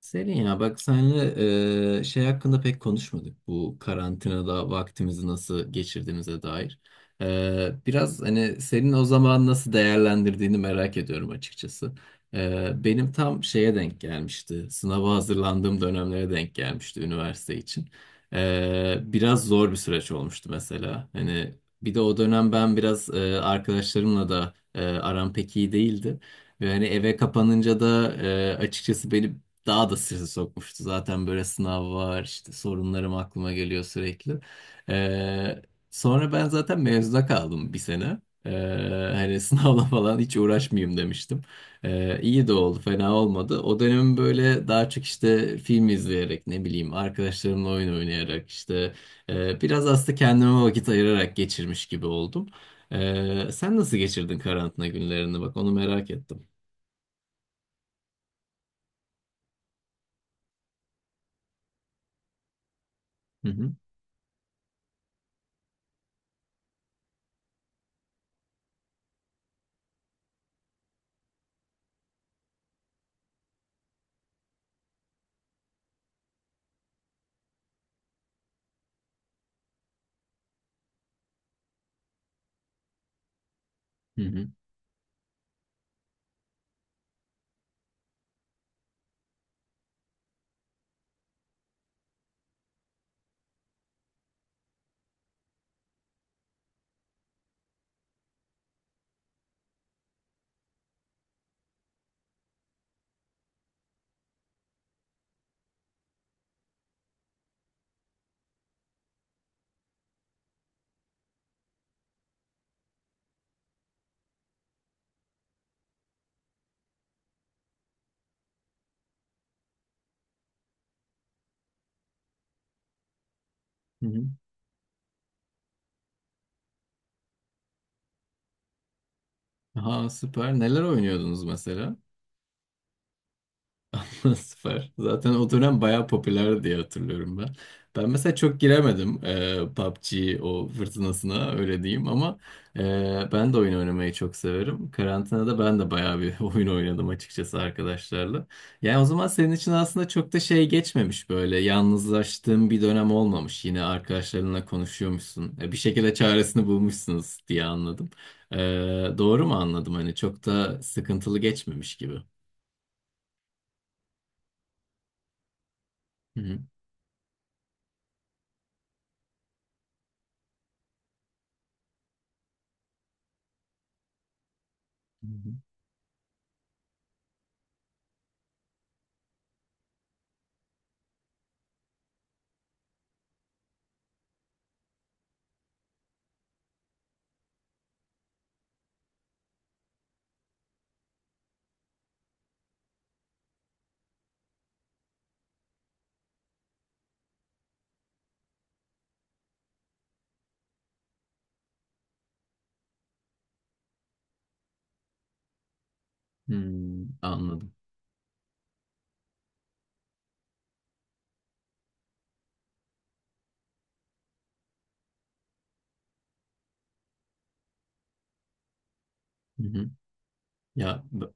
Selin, ya bak, senle şey hakkında pek konuşmadık. Bu karantinada vaktimizi nasıl geçirdiğimize dair. Biraz hani senin o zaman nasıl değerlendirdiğini merak ediyorum açıkçası. Benim tam şeye denk gelmişti. Sınava hazırlandığım dönemlere denk gelmişti üniversite için. Biraz zor bir süreç olmuştu mesela. Hani bir de o dönem ben biraz arkadaşlarımla da aram pek iyi değildi. Ve hani eve kapanınca da açıkçası beni daha da strese sokmuştu. Zaten böyle sınav var, işte sorunlarım aklıma geliyor sürekli. Ee, Sonra ben zaten mezuna kaldım bir sene. Ee, Hani sınavla falan hiç uğraşmayayım demiştim. İyi de oldu, fena olmadı. O dönem böyle daha çok işte film izleyerek, ne bileyim, arkadaşlarımla oyun oynayarak, işte biraz aslında kendime vakit ayırarak geçirmiş gibi oldum. Sen nasıl geçirdin karantina günlerini? Bak, onu merak ettim. Hı hı. Hı hı. Hı hı. Ha, süper. Neler oynuyordunuz mesela? Süper. Zaten o dönem bayağı popüler diye hatırlıyorum ben. Ben mesela çok giremedim PUBG o fırtınasına, öyle diyeyim, ama e, ben de oyun oynamayı çok severim. Karantinada ben de bayağı bir oyun oynadım açıkçası arkadaşlarla. Yani o zaman senin için aslında çok da şey geçmemiş, böyle yalnızlaştığın bir dönem olmamış. Yine arkadaşlarınla konuşuyormuşsun. Bir şekilde çaresini bulmuşsunuz diye anladım. E, doğru mu anladım? Hani çok da sıkıntılı geçmemiş gibi. Hı hı. Hmm, anladım. Hı hı. Ya b-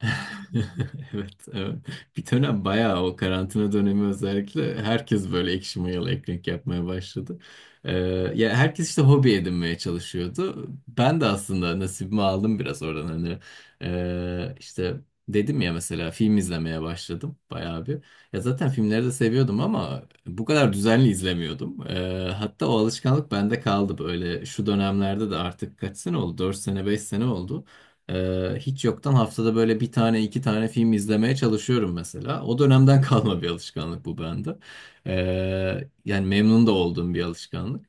Evet, evet. Bir dönem bayağı o karantina dönemi, özellikle herkes böyle ekşi mayalı ekmek yapmaya başladı. Ee, Ya herkes işte hobi edinmeye çalışıyordu. Ben de aslında nasibimi aldım biraz oradan. Hani işte dedim ya, mesela film izlemeye başladım bayağı bir. Ya zaten filmleri de seviyordum ama bu kadar düzenli izlemiyordum. Hatta o alışkanlık bende kaldı, böyle şu dönemlerde de. Artık kaç sene oldu? 4 sene, 5 sene oldu. Hiç yoktan haftada böyle bir tane, iki tane film izlemeye çalışıyorum mesela. O dönemden kalma bir alışkanlık bu bende. Yani memnun da olduğum bir alışkanlık.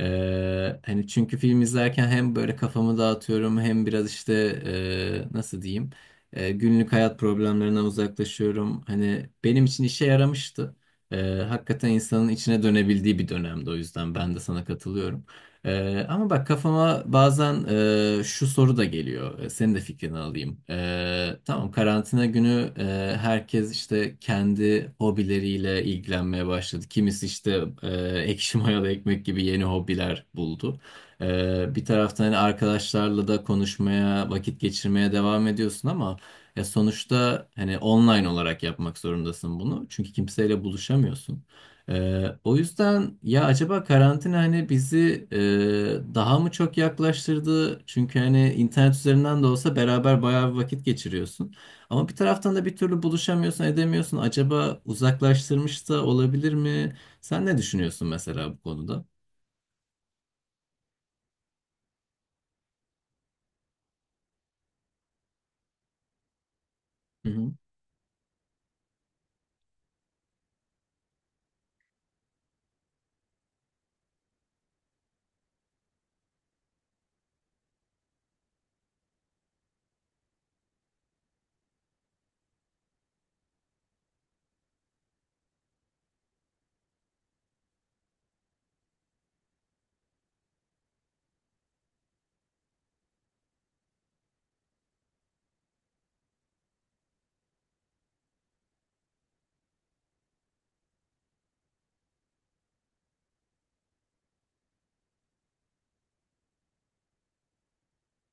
Hani çünkü film izlerken hem böyle kafamı dağıtıyorum, hem biraz işte nasıl diyeyim, günlük hayat problemlerinden uzaklaşıyorum. Hani benim için işe yaramıştı. Ee, Hakikaten insanın içine dönebildiği bir dönemdi, o yüzden ben de sana katılıyorum. Ama bak, kafama bazen şu soru da geliyor. Senin de fikrini alayım. Tamam, karantina günü herkes işte kendi hobileriyle ilgilenmeye başladı. Kimisi işte ekşi mayalı ekmek gibi yeni hobiler buldu. Bir taraftan hani arkadaşlarla da konuşmaya, vakit geçirmeye devam ediyorsun ama ya sonuçta hani online olarak yapmak zorundasın bunu. Çünkü kimseyle buluşamıyorsun. O yüzden ya acaba karantina hani bizi daha mı çok yaklaştırdı? Çünkü hani internet üzerinden de olsa beraber bayağı bir vakit geçiriyorsun. Ama bir taraftan da bir türlü buluşamıyorsun, edemiyorsun. Acaba uzaklaştırmış da olabilir mi? Sen ne düşünüyorsun mesela bu konuda? Hı hı,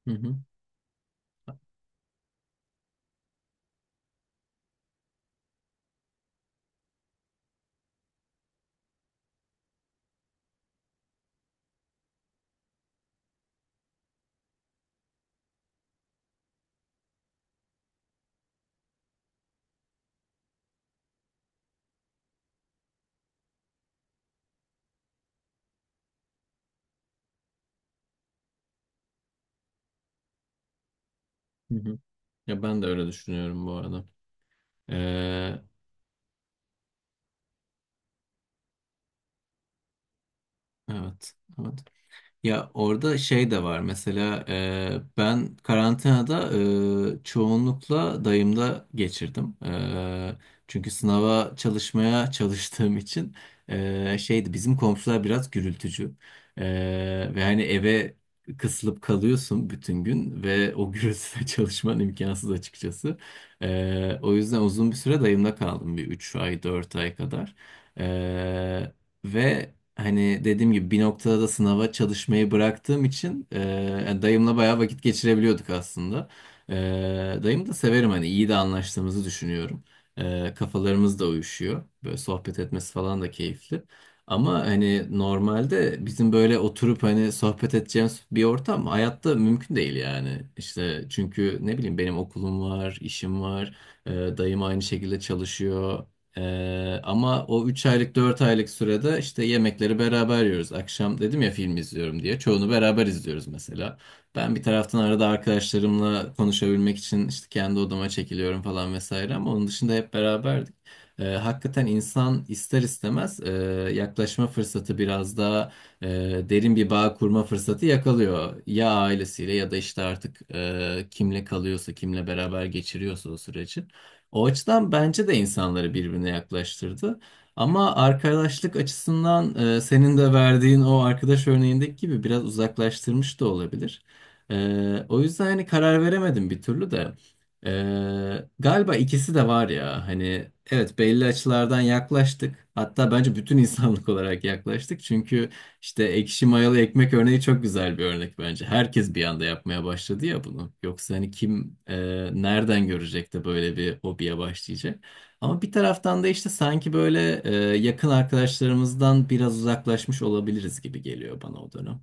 hı hı, hı hı. Ya ben de öyle düşünüyorum bu arada. Ee, evet, evet. Ya orada şey de var mesela. Ben karantinada çoğunlukla dayımda geçirdim. Çünkü sınava çalışmaya çalıştığım için şeydi, bizim komşular biraz gürültücü. E, Ve hani eve kısılıp kalıyorsun bütün gün ve o gürültüde çalışman imkansız açıkçası. O yüzden uzun bir süre dayımda kaldım, bir 3 ay 4 ay kadar. E, Ve hani, dediğim gibi, bir noktada da sınava çalışmayı bıraktığım için yani dayımla bayağı vakit geçirebiliyorduk aslında. E, dayım da severim, hani iyi de anlaştığımızı düşünüyorum. Kafalarımız da uyuşuyor. Böyle sohbet etmesi falan da keyifli. Ama hani normalde bizim böyle oturup hani sohbet edeceğimiz bir ortam hayatta mümkün değil yani. İşte çünkü, ne bileyim, benim okulum var, işim var, dayım aynı şekilde çalışıyor. Ama o 3 aylık 4 aylık sürede işte yemekleri beraber yiyoruz. Akşam, dedim ya, film izliyorum diye. Çoğunu beraber izliyoruz mesela. Ben bir taraftan arada arkadaşlarımla konuşabilmek için işte kendi odama çekiliyorum falan vesaire, ama onun dışında hep beraberdik. Hakikaten insan ister istemez yaklaşma fırsatı, biraz daha e, derin bir bağ kurma fırsatı yakalıyor. Ya ailesiyle ya da işte artık kimle kalıyorsa, kimle beraber geçiriyorsa o süreci. O açıdan bence de insanları birbirine yaklaştırdı. Ama arkadaşlık açısından senin de verdiğin o arkadaş örneğindeki gibi biraz uzaklaştırmış da olabilir. O yüzden hani karar veremedim bir türlü de. Galiba ikisi de var ya, hani evet, belli açılardan yaklaştık. Hatta bence bütün insanlık olarak yaklaştık. Çünkü işte ekşi mayalı ekmek örneği çok güzel bir örnek bence. Herkes bir anda yapmaya başladı ya bunu. Yoksa hani kim nereden görecek de böyle bir hobiye başlayacak? Ama bir taraftan da işte sanki böyle yakın arkadaşlarımızdan biraz uzaklaşmış olabiliriz gibi geliyor bana o dönem.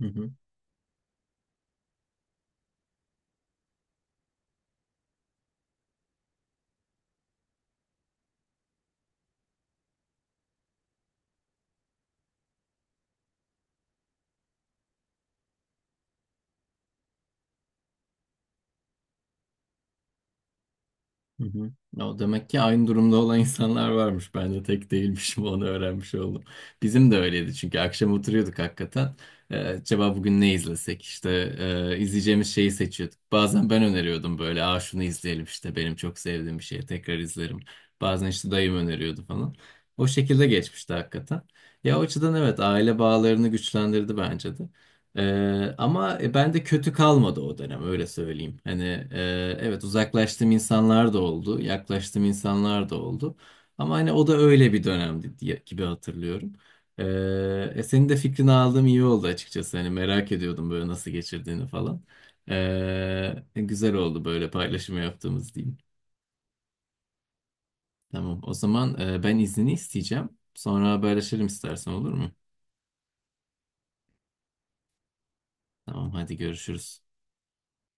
Hı hı. Hı hı. O demek ki aynı durumda olan insanlar varmış. Ben de tek değilmişim, onu öğrenmiş oldum. Bizim de öyleydi, çünkü akşam oturuyorduk hakikaten. Acaba bugün ne izlesek? İşte izleyeceğimiz şeyi seçiyorduk. Bazen ben öneriyordum böyle. Aa, şunu izleyelim, işte benim çok sevdiğim bir şey, tekrar izlerim. Bazen işte dayım öneriyordu falan. O şekilde geçmişti hakikaten. Ya o açıdan evet, aile bağlarını güçlendirdi bence de. Ama ben de kötü kalmadı o dönem, öyle söyleyeyim. Hani evet, uzaklaştığım insanlar da oldu, yaklaştığım insanlar da oldu. Ama hani o da öyle bir dönemdi diye, gibi hatırlıyorum. Ee, Senin de fikrini aldığım iyi oldu açıkçası. Hani merak ediyordum böyle nasıl geçirdiğini falan. Güzel oldu böyle, paylaşımı yaptığımız diyeyim. Tamam, o zaman ben iznini isteyeceğim. Sonra haberleşelim istersen, olur mu? Tamam, hadi görüşürüz.